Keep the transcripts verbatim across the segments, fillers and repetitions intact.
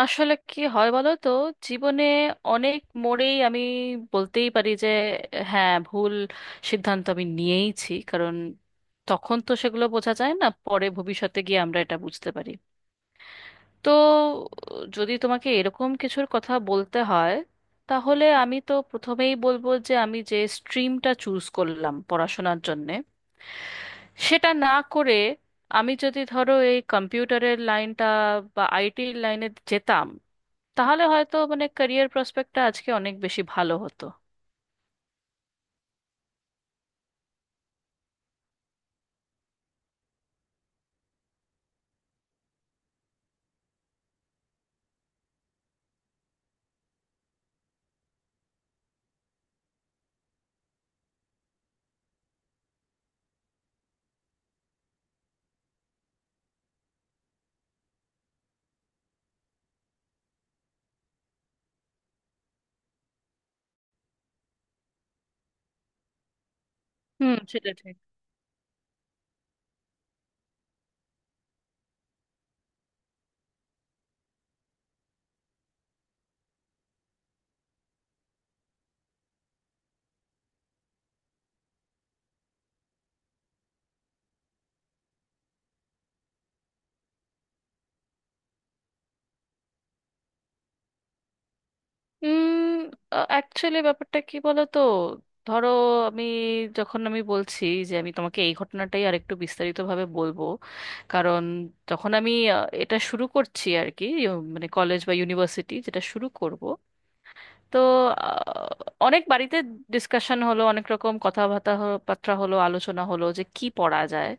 আসলে কি হয় বলো তো? জীবনে অনেক মোড়েই আমি বলতেই পারি যে হ্যাঁ, ভুল সিদ্ধান্ত আমি নিয়েইছি, কারণ তখন তো সেগুলো বোঝা যায় না, পরে ভবিষ্যতে গিয়ে আমরা এটা বুঝতে পারি। তো যদি তোমাকে এরকম কিছুর কথা বলতে হয়, তাহলে আমি তো প্রথমেই বলবো যে আমি যে স্ট্রিমটা চুজ করলাম পড়াশোনার জন্যে, সেটা না করে আমি যদি ধরো এই কম্পিউটারের লাইনটা বা আইটির লাইনে যেতাম, তাহলে হয়তো মানে ক্যারিয়ার প্রসপেক্টটা আজকে অনেক বেশি ভালো হতো। হুম, সেটা ঠিক। উম অ্যাকচুয়ালি ব্যাপারটা কি বলতো, ধরো আমি যখন আমি বলছি যে আমি তোমাকে এই ঘটনাটাই আরেকটু বিস্তারিতভাবে বলবো, কারণ যখন আমি আহ, এটা শুরু করছি আর কি, ইউ- মানে কলেজ বা ইউনিভার্সিটি যেটা শুরু করব। তো আহ, অনেক বাড়িতে ডিসকাশন হলো, অনেক রকম কথাবার্তা হ- বার্তা হলো, আলোচনা হলো যে কি পড়া যায়।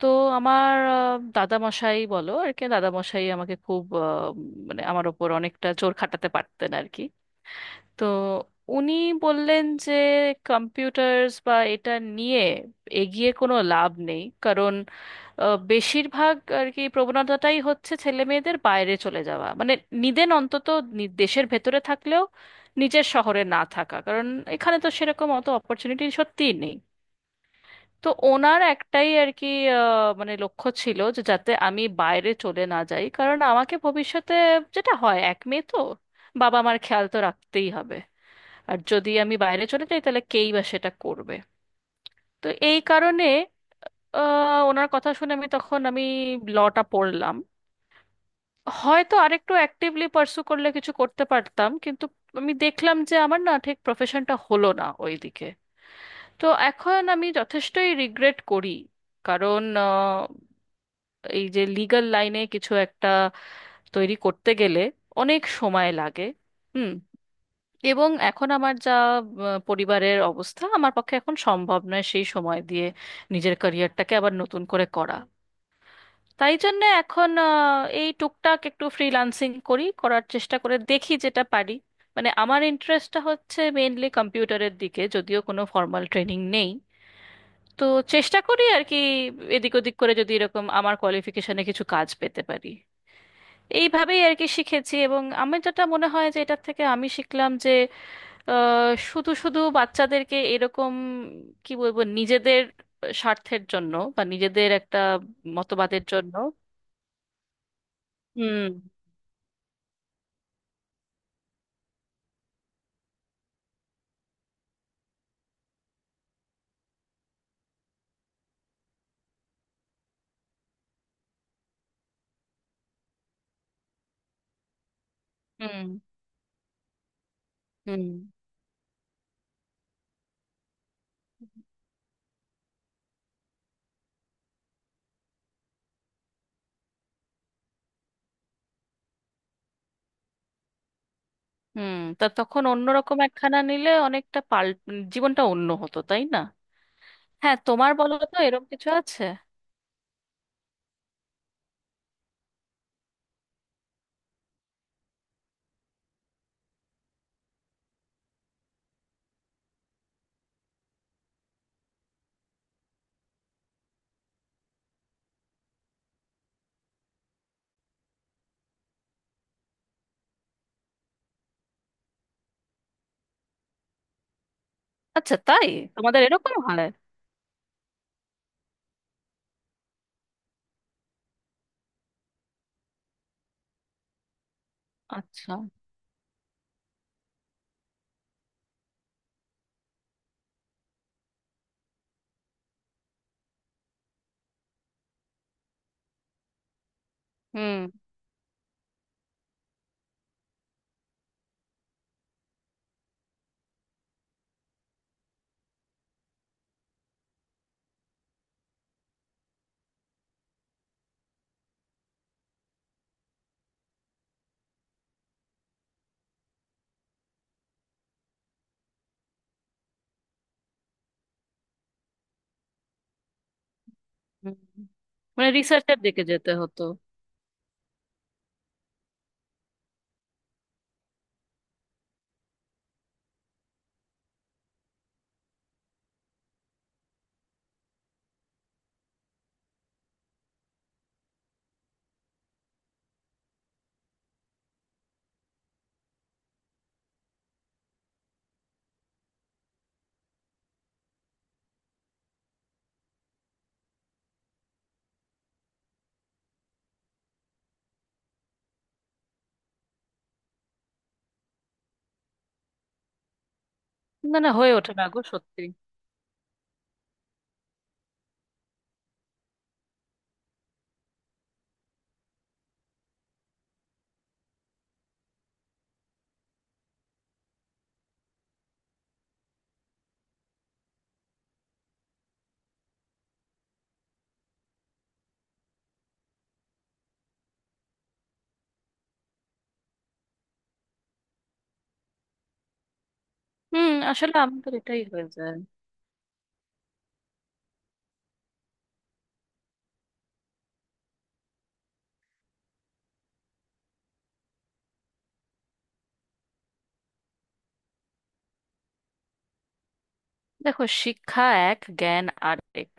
তো আমার আহ, দাদামশাই, বলো আর কি, দাদামশাই আমাকে খুব আহ, মানে আমার ওপর অনেকটা জোর খাটাতে পারতেন আর কি। তো উনি বললেন যে কম্পিউটার্স বা এটা নিয়ে এগিয়ে কোনো লাভ নেই, কারণ আহ, বেশিরভাগ আর কি প্রবণতাটাই হচ্ছে ছেলে মেয়েদের বাইরে চলে যাওয়া, মানে নিদেন অন্তত নি- দেশের ভেতরে থাকলেও নিজের শহরে না থাকা, কারণ এখানে তো সেরকম অত অপরচুনিটি সত্যিই নেই। তো ওনার একটাই আর কি আহ, মানে লক্ষ্য ছিল যে যাতে আমি বাইরে চলে না যাই, কারণ আমাকে ভবিষ্যতে, যেটা হয় এক মেয়ে তো, বাবা মার খেয়াল তো রাখতেই হবে, আর যদি আমি বাইরে চলে যাই তাহলে কেই বা সেটা করবে। তো এই কারণে আহ, ওনার কথা শুনে আমি তখন আমি লটা পড়লাম। হয়তো আরেকটু অ্যাক্টিভলি পার্সু করলে কিছু করতে পারতাম, কিন্তু আমি দেখলাম যে আমার না ঠিক প্রফেশনটা হলো না ওইদিকে। তো এখন আমি যথেষ্টই রিগ্রেট করি, কারণ এই যে লিগ্যাল লাইনে কিছু একটা তৈরি করতে গেলে অনেক সময় লাগে। হুম। এবং এখন আমার যা আহ, পরিবারের অবস্থা, আমার পক্ষে এখন সম্ভব নয় সেই সময় দিয়ে নিজের ক্যারিয়ারটাকে আবার নতুন করে করা। তাই জন্য এখন আহ, এই টুকটাক একটু ফ্রিল্যান্সিং করি, করার চেষ্টা করে দেখি যেটা পারি। মানে আমার ইন্টারেস্টটা হচ্ছে মেইনলি কম্পিউটারের দিকে, যদিও কোনো ফর্মাল ট্রেনিং নেই। তো চেষ্টা করি আর কি, এদিক ওদিক করে যদি এরকম আমার কোয়ালিফিকেশনে কিছু কাজ পেতে পারি। এইভাবেই আর কি শিখেছি, এবং আমি যেটা মনে হয় যে এটার থেকে আমি শিখলাম যে আহ, শুধু শুধু বাচ্চাদেরকে এরকম, কি বলবো, নিজেদের স্বার্থের জন্য বা নিজেদের একটা মতবাদের জন্য। হুম। হুম। হুম। হুম। তা তখন অন্যরকম একখানা নিলে অনেকটা পাল জীবনটা অন্য হতো, তাই না? হ্যাঁ, তোমার বলো তো এরকম কিছু আছে? আচ্ছা, তাই? তোমাদের এরকম হয়? আচ্ছা। হুম। হুম। মানে রিসার্চের দিকে যেতে হতো। না না, হয়ে ওঠে না গো সত্যি। হুম, আসলে আমাদের এটাই হয়ে যায়। দেখো, শিক্ষা এক, জ্ঞান আরেক,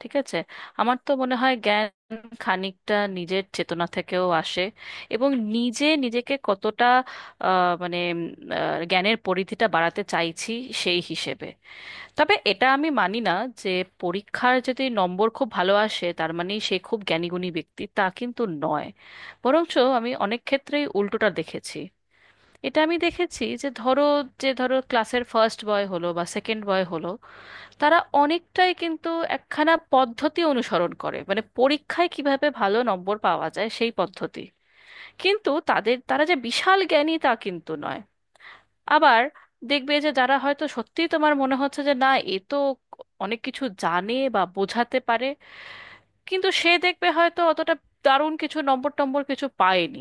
ঠিক আছে? আমার তো মনে হয় জ্ঞান খানিকটা নিজের চেতনা থেকেও আসে, এবং নিজে নিজেকে কতটা আহ, মানে উম, আহ, জ্ঞানের পরিধিটা বাড়াতে চাইছি সেই হিসেবে। তবে এটা আমি মানি না যে পরীক্ষার যদি নম্বর খুব ভালো আসে তার মানে সে খুব জ্ঞানীগুণী ব্যক্তি, তা কিন্তু নয়। বরঞ্চ আমি অনেক ক্ষেত্রেই উল্টোটা দেখেছি। এটা আমি দেখেছি যে ধরো, যে ধরো ক্লাসের ফার্স্ট বয় হলো বা সেকেন্ড বয় হলো, তারা অনেকটাই কিন্তু একখানা পদ্ধতি অনুসরণ করে, মানে পরীক্ষায় কিভাবে ভালো নম্বর পাওয়া যায় সেই পদ্ধতি, কিন্তু তাদের তারা যে বিশাল জ্ঞানী তা কিন্তু নয়। আবার দেখবে যে যারা হয়তো সত্যিই তোমার মনে হচ্ছে যে না এ তো অনেক কিছু জানে বা বোঝাতে পারে, কিন্তু সে দেখবে হয়তো অতটা দারুণ কিছু নম্বর টম্বর কিছু পায়নি।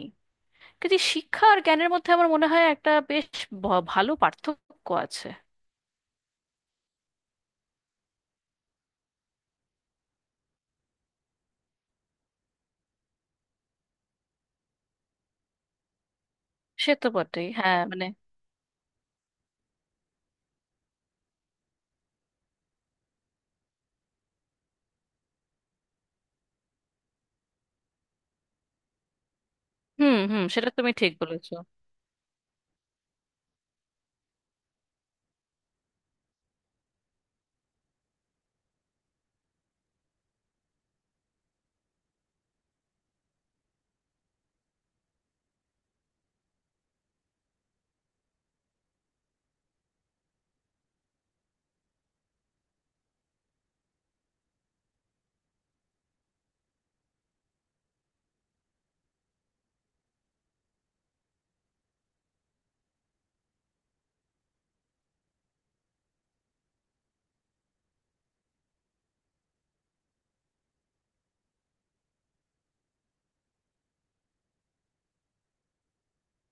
কিন্তু এই শিক্ষা আর জ্ঞানের মধ্যে আমার মনে হয় একটা বেশ ভ- ভালো পার্থক্য আছে। সে তো বটেই, হ্যাঁ, মানে। হুম, হুম, সেটা তুমি ঠিক বলেছো।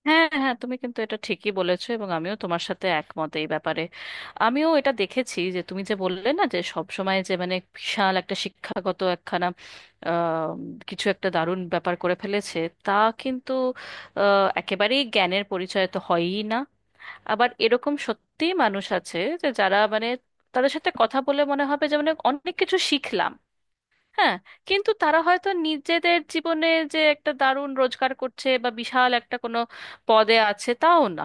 হ্যাঁ, হ্যাঁ, তুমি কিন্তু এটা ঠিকই বলেছো, এবং আমিও তোমার সাথে একমত এই ব্যাপারে। আমিও এটা দেখেছি যে তুমি যে বললে না যে সব সময় যে মানে বিশাল একটা শিক্ষাগত একখানা আহ, কিছু একটা দারুণ ব্যাপার করে ফেলেছে, তা কিন্তু আহ, একেবারেই জ্ঞানের পরিচয় তো হয়ই না। আবার এরকম সত্যি মানুষ আছে যে যারা মানে, তাদের সাথে কথা বলে মনে হবে যে মানে অনেক কিছু শিখলাম, হ্যাঁ, কিন্তু তারা হয়তো নিজেদের জীবনে যে একটা দারুণ রোজগার করছে বা বিশাল একটা কোনো পদে আছে তাও না,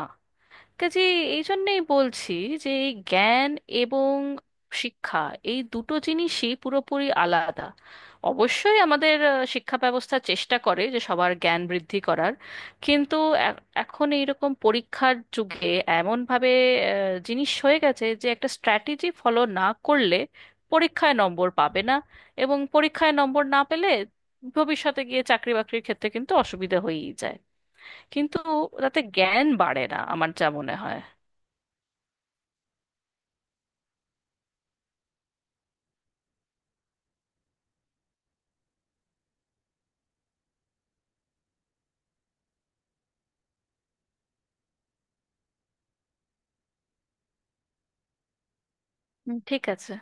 কাজে। এই জন্যেই বলছি যে এই জ্ঞান এবং শিক্ষা, এই দুটো জিনিসই পুরোপুরি আলাদা। অবশ্যই আমাদের আহ, শিক্ষা ব্যবস্থা চেষ্টা করে যে সবার জ্ঞান বৃদ্ধি করার, কিন্তু এ- এখন এইরকম পরীক্ষার যুগে এমনভাবে আহ, জিনিস হয়ে গেছে যে একটা স্ট্র্যাটেজি ফলো না করলে পরীক্ষায় নম্বর পাবে না, এবং পরীক্ষায় নম্বর না পেলে ভবিষ্যতে গিয়ে চাকরি বাকরির ক্ষেত্রে কিন্তু অসুবিধা হয়েই যায়, কিন্তু তাতে জ্ঞান বাড়ে না আমার যা মনে হয়। হুম, ঠিক আছে।